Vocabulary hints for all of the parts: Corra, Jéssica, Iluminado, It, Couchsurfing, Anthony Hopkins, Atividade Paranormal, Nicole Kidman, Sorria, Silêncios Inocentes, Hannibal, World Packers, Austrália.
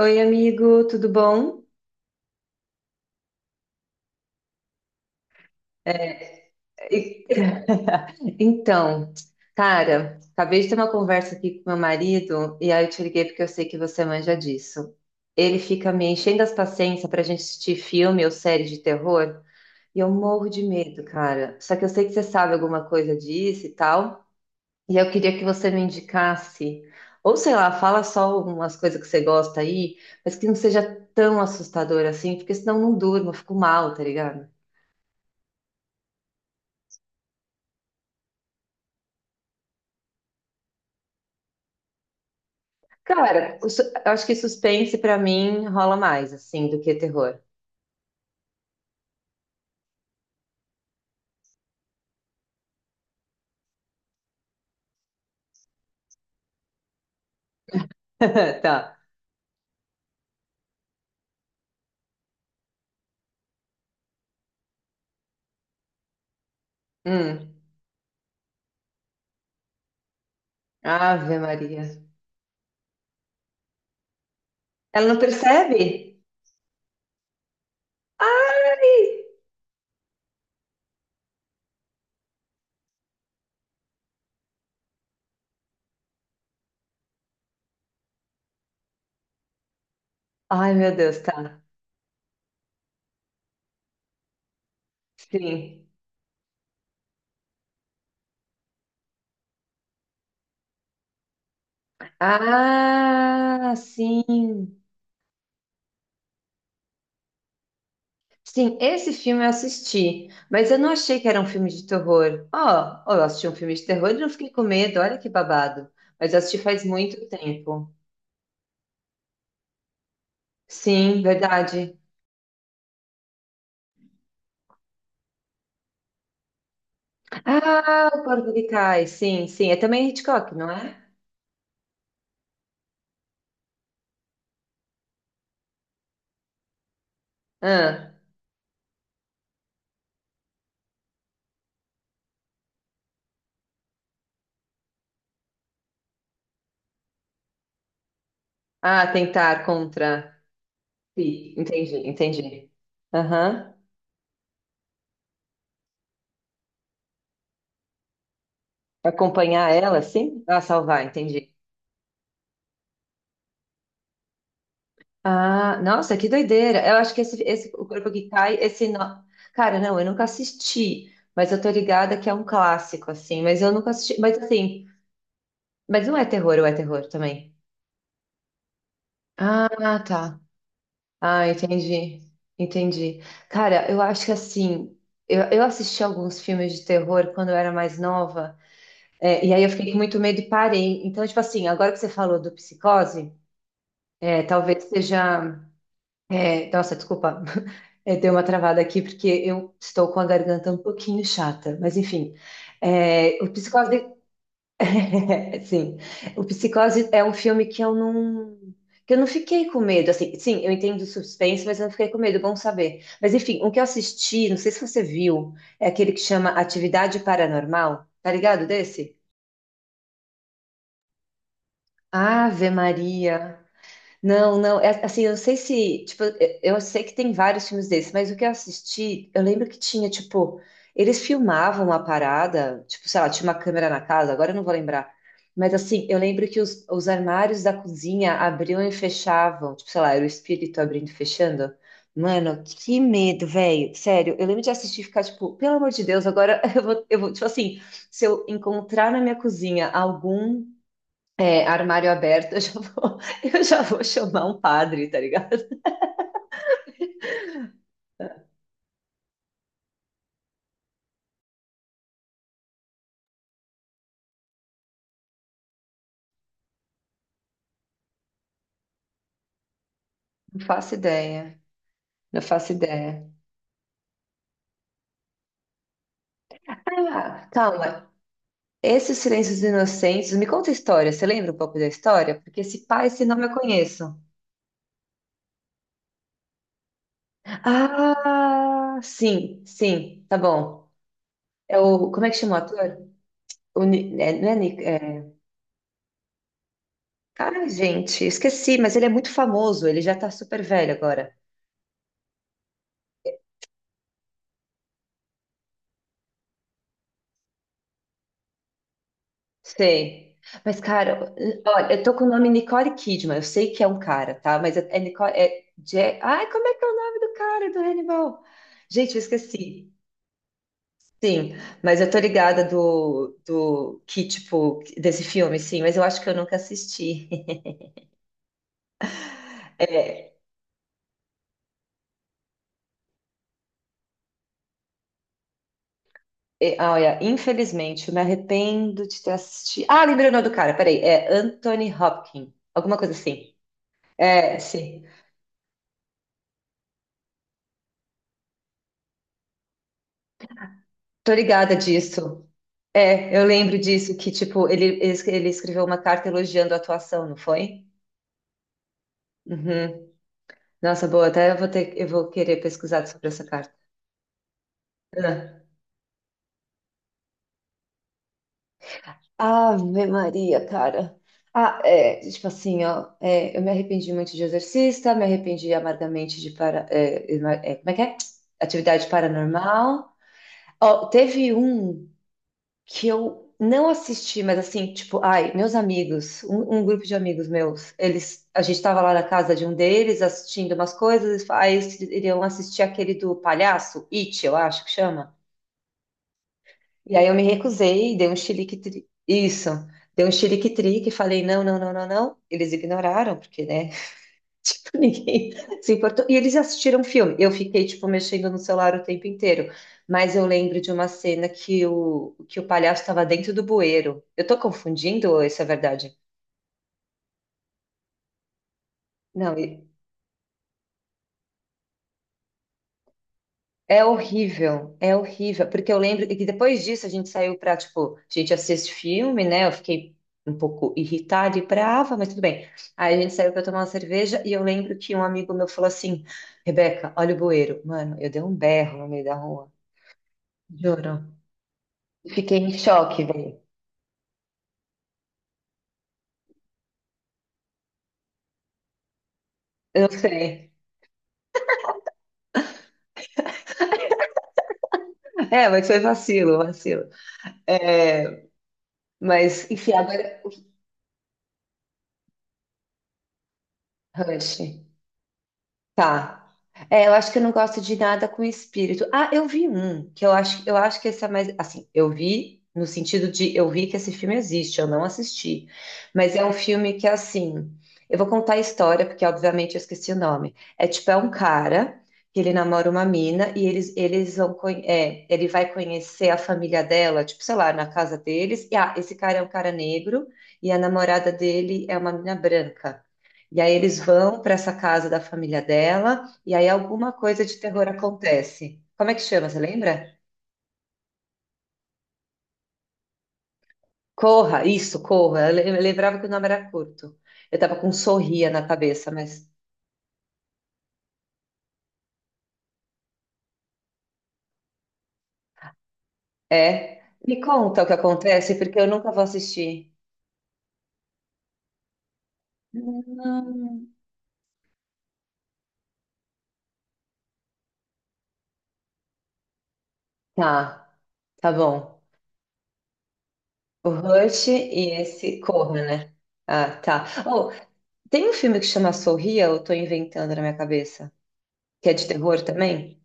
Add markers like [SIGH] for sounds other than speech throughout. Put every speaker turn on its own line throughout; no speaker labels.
Oi, amigo, tudo bom? É, E- [LAUGHS] Então, cara, acabei de ter uma conversa aqui com meu marido e aí eu te liguei porque eu sei que você manja disso. Ele fica me enchendo as paciências pra gente assistir filme ou série de terror e eu morro de medo, cara. Só que eu sei que você sabe alguma coisa disso e tal, e eu queria que você me indicasse, ou sei lá, fala só algumas coisas que você gosta aí, mas que não seja tão assustador assim, porque senão eu não durmo, eu fico mal, tá ligado? Cara, eu acho que suspense pra mim rola mais, assim, do que terror. [LAUGHS] Tá. Hum. Ave Maria. Ela não percebe? Ai! Ai, meu Deus, tá. Sim. Ah, sim. Sim, esse filme eu assisti, mas eu não achei que era um filme de terror. Ó, ó, eu assisti um filme de terror e não fiquei com medo, olha que babado. Mas eu assisti faz muito tempo. Sim, verdade. Ah, o Corvo que Cai, sim, sim. É também Hitchcock, não é? Ah, ah, tentar contra. Sim, entendi, entendi. Aham. Acompanhar ela, sim? Ah, salvar, entendi. Ah, nossa, que doideira. Eu acho que esse o corpo que cai, esse nó. Cara, não, eu nunca assisti, mas eu tô ligada que é um clássico, assim, mas eu nunca assisti. Mas assim, mas não é terror, ou é terror também? Ah, tá. Ah, entendi. Entendi. Cara, eu acho que assim, eu assisti alguns filmes de terror quando eu era mais nova. É, e aí eu fiquei com muito medo e parei. Então, tipo assim, agora que você falou do psicose, talvez seja. Nossa, desculpa, [LAUGHS] deu uma travada aqui, porque eu estou com a garganta um pouquinho chata, mas enfim. É, o psicose. [LAUGHS] É, sim, o psicose é um filme que eu não. Que eu não fiquei com medo, assim, sim, eu entendo o suspense, mas eu não fiquei com medo, bom saber. Mas enfim, o que eu assisti, não sei se você viu, é aquele que chama Atividade Paranormal, tá ligado desse? Ave Maria. Não, não, é, assim, eu não sei se, tipo, eu sei que tem vários filmes desses, mas o que eu assisti, eu lembro que tinha, tipo, eles filmavam a parada, tipo, sei lá, tinha uma câmera na casa, agora eu não vou lembrar, mas assim, eu lembro que os armários da cozinha abriam e fechavam, tipo, sei lá, era o espírito abrindo e fechando. Mano, que medo, velho, sério, eu lembro de assistir e ficar, tipo, pelo amor de Deus, agora [LAUGHS] eu vou, tipo assim, se eu encontrar na minha cozinha algum armário aberto, eu já vou, [LAUGHS] eu já vou chamar um padre, tá ligado? Não faço ideia, não faço ideia. Ah, calma. Esses Silêncios Inocentes, me conta a história. Você lembra um pouco da história? Porque esse pai, esse nome eu conheço. Ah, sim, sim, tá bom. É o, como é que chama o ator? Não é Nick, Cara, gente, esqueci, mas ele é muito famoso, ele já tá super velho agora. Sei. Mas, cara, olha, eu tô com o nome Nicole Kidman. Eu sei que é um cara, tá? Mas é Nicole. Ai, como é que é o nome do cara do Hannibal? Gente, eu esqueci. Sim, mas eu tô ligada do, do que, tipo, desse filme, sim, mas eu acho que eu nunca assisti. [LAUGHS] É, é, ah, olha, infelizmente, eu me arrependo de ter assistido. Ah, lembrei o nome do cara, peraí. É Anthony Hopkins, alguma coisa assim. É, sim. Tô ligada disso. É, eu lembro disso, que tipo, ele, ele escreveu uma carta elogiando a atuação, não foi? Uhum. Nossa, boa, até eu vou ter, eu vou querer pesquisar sobre essa carta. Ah. Ave Maria, cara. Ah, é, tipo assim, ó, é, eu me arrependi muito de exorcista, me arrependi amargamente de para, como é que é? Atividade paranormal. Ó, teve um. Que eu não assisti, mas assim, tipo, ai, meus amigos, um grupo de amigos meus, a gente tava lá na casa de um deles assistindo umas coisas, aí eles iriam assistir aquele do palhaço, It, eu acho que chama. E aí eu me recusei, dei um chilique, isso, dei um chilique-trique, falei não, não, não, não, não. Eles ignoraram, porque, né? Ninguém [LAUGHS] se importou. E eles assistiram o filme. Eu fiquei, tipo, mexendo no celular o tempo inteiro. Mas eu lembro de uma cena que o palhaço estava dentro do bueiro. Eu tô confundindo ou isso é verdade? Não, é horrível. É horrível. Porque eu lembro que depois disso a gente saiu pra, tipo, a gente assiste filme, né? Eu fiquei um pouco irritada e brava, mas tudo bem. Aí a gente saiu pra tomar uma cerveja e eu lembro que um amigo meu falou assim: Rebeca, olha o bueiro. Mano, eu dei um berro no meio da rua. Juro. Fiquei em choque, velho. Eu sei. [LAUGHS] É, mas foi vacilo, vacilo. É, mas, enfim, agora. Rush. Tá. É, eu acho que eu não gosto de nada com espírito. Ah, eu vi um, que eu acho que esse é mais, assim, eu vi no sentido de eu vi que esse filme existe, eu não assisti. Mas é um filme que assim, eu vou contar a história porque obviamente eu esqueci o nome. É tipo é um cara que ele namora uma mina e ele vai conhecer a família dela, tipo, sei lá, na casa deles. E ah, esse cara é um cara negro e a namorada dele é uma mina branca. E aí eles vão para essa casa da família dela, e aí alguma coisa de terror acontece. Como é que chama, você lembra? Corra, isso, Corra. Eu lembrava que o nome era curto. Eu tava com um sorria na cabeça, mas é. Me conta o que acontece, porque eu nunca vou assistir. Não. Tá, tá bom. O Rush e esse Corra, né? Ah, tá. Oh, tem um filme que chama Sorria, ou eu tô inventando na minha cabeça, que é de terror também?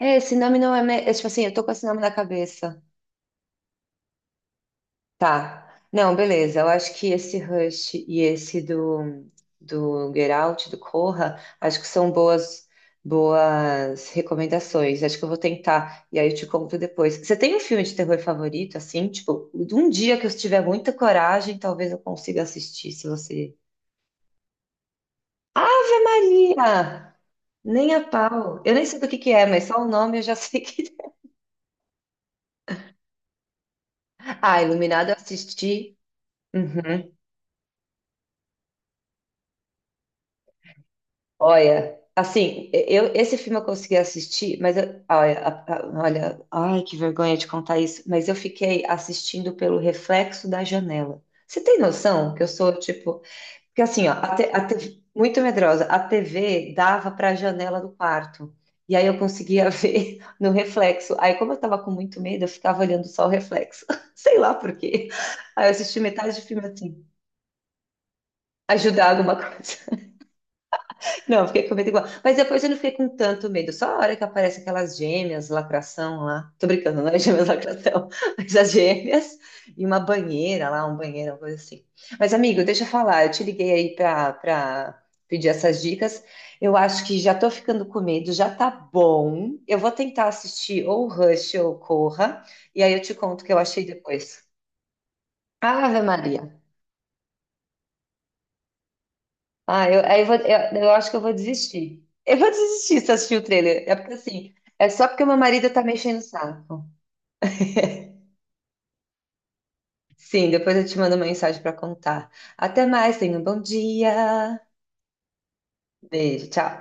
É, esse nome não é, me- é. Tipo assim, eu tô com esse nome na cabeça. Tá. Não, beleza. Eu acho que esse Rush e esse do, do Get Out, do Corra, acho que são boas, boas recomendações. Acho que eu vou tentar. E aí eu te conto depois. Você tem um filme de terror favorito, assim? Tipo, um dia que eu tiver muita coragem, talvez eu consiga assistir, se você. Ave Maria! Nem a pau. Eu nem sei do que é, mas só o nome eu já sei que. [LAUGHS] Ah, Iluminado eu assisti. Uhum. Olha, assim, esse filme eu consegui assistir, olha, ai, que vergonha de contar isso, mas eu fiquei assistindo pelo reflexo da janela. Você tem noção que eu sou tipo, porque assim, ó, a TV muito medrosa, a TV dava para a janela do quarto. E aí eu conseguia [LAUGHS] ver no reflexo. Aí como eu tava com muito medo, eu ficava olhando só o reflexo. [LAUGHS] Sei lá por quê. Aí eu assisti metade do filme assim, ajudar alguma coisa. Não, fiquei com medo igual. Mas depois eu não fiquei com tanto medo. Só a hora que aparece aquelas gêmeas, lacração lá. Tô brincando, não é gêmeas lacração, [LAUGHS] mas as gêmeas e uma banheira lá, um banheiro, uma coisa assim. Mas, amigo, deixa eu falar, eu te liguei aí pra pedir essas dicas. Eu acho que já tô ficando com medo, já tá bom. Eu vou tentar assistir ou Rush ou Corra, e aí eu te conto o que eu achei depois. Ave Maria. Ah, eu acho que eu vou desistir. Eu vou desistir se assistir o trailer. É porque assim, é só porque meu marido tá mexendo o saco. Sim, depois eu te mando uma mensagem pra contar. Até mais, tenha um bom dia. Beijo, tchau.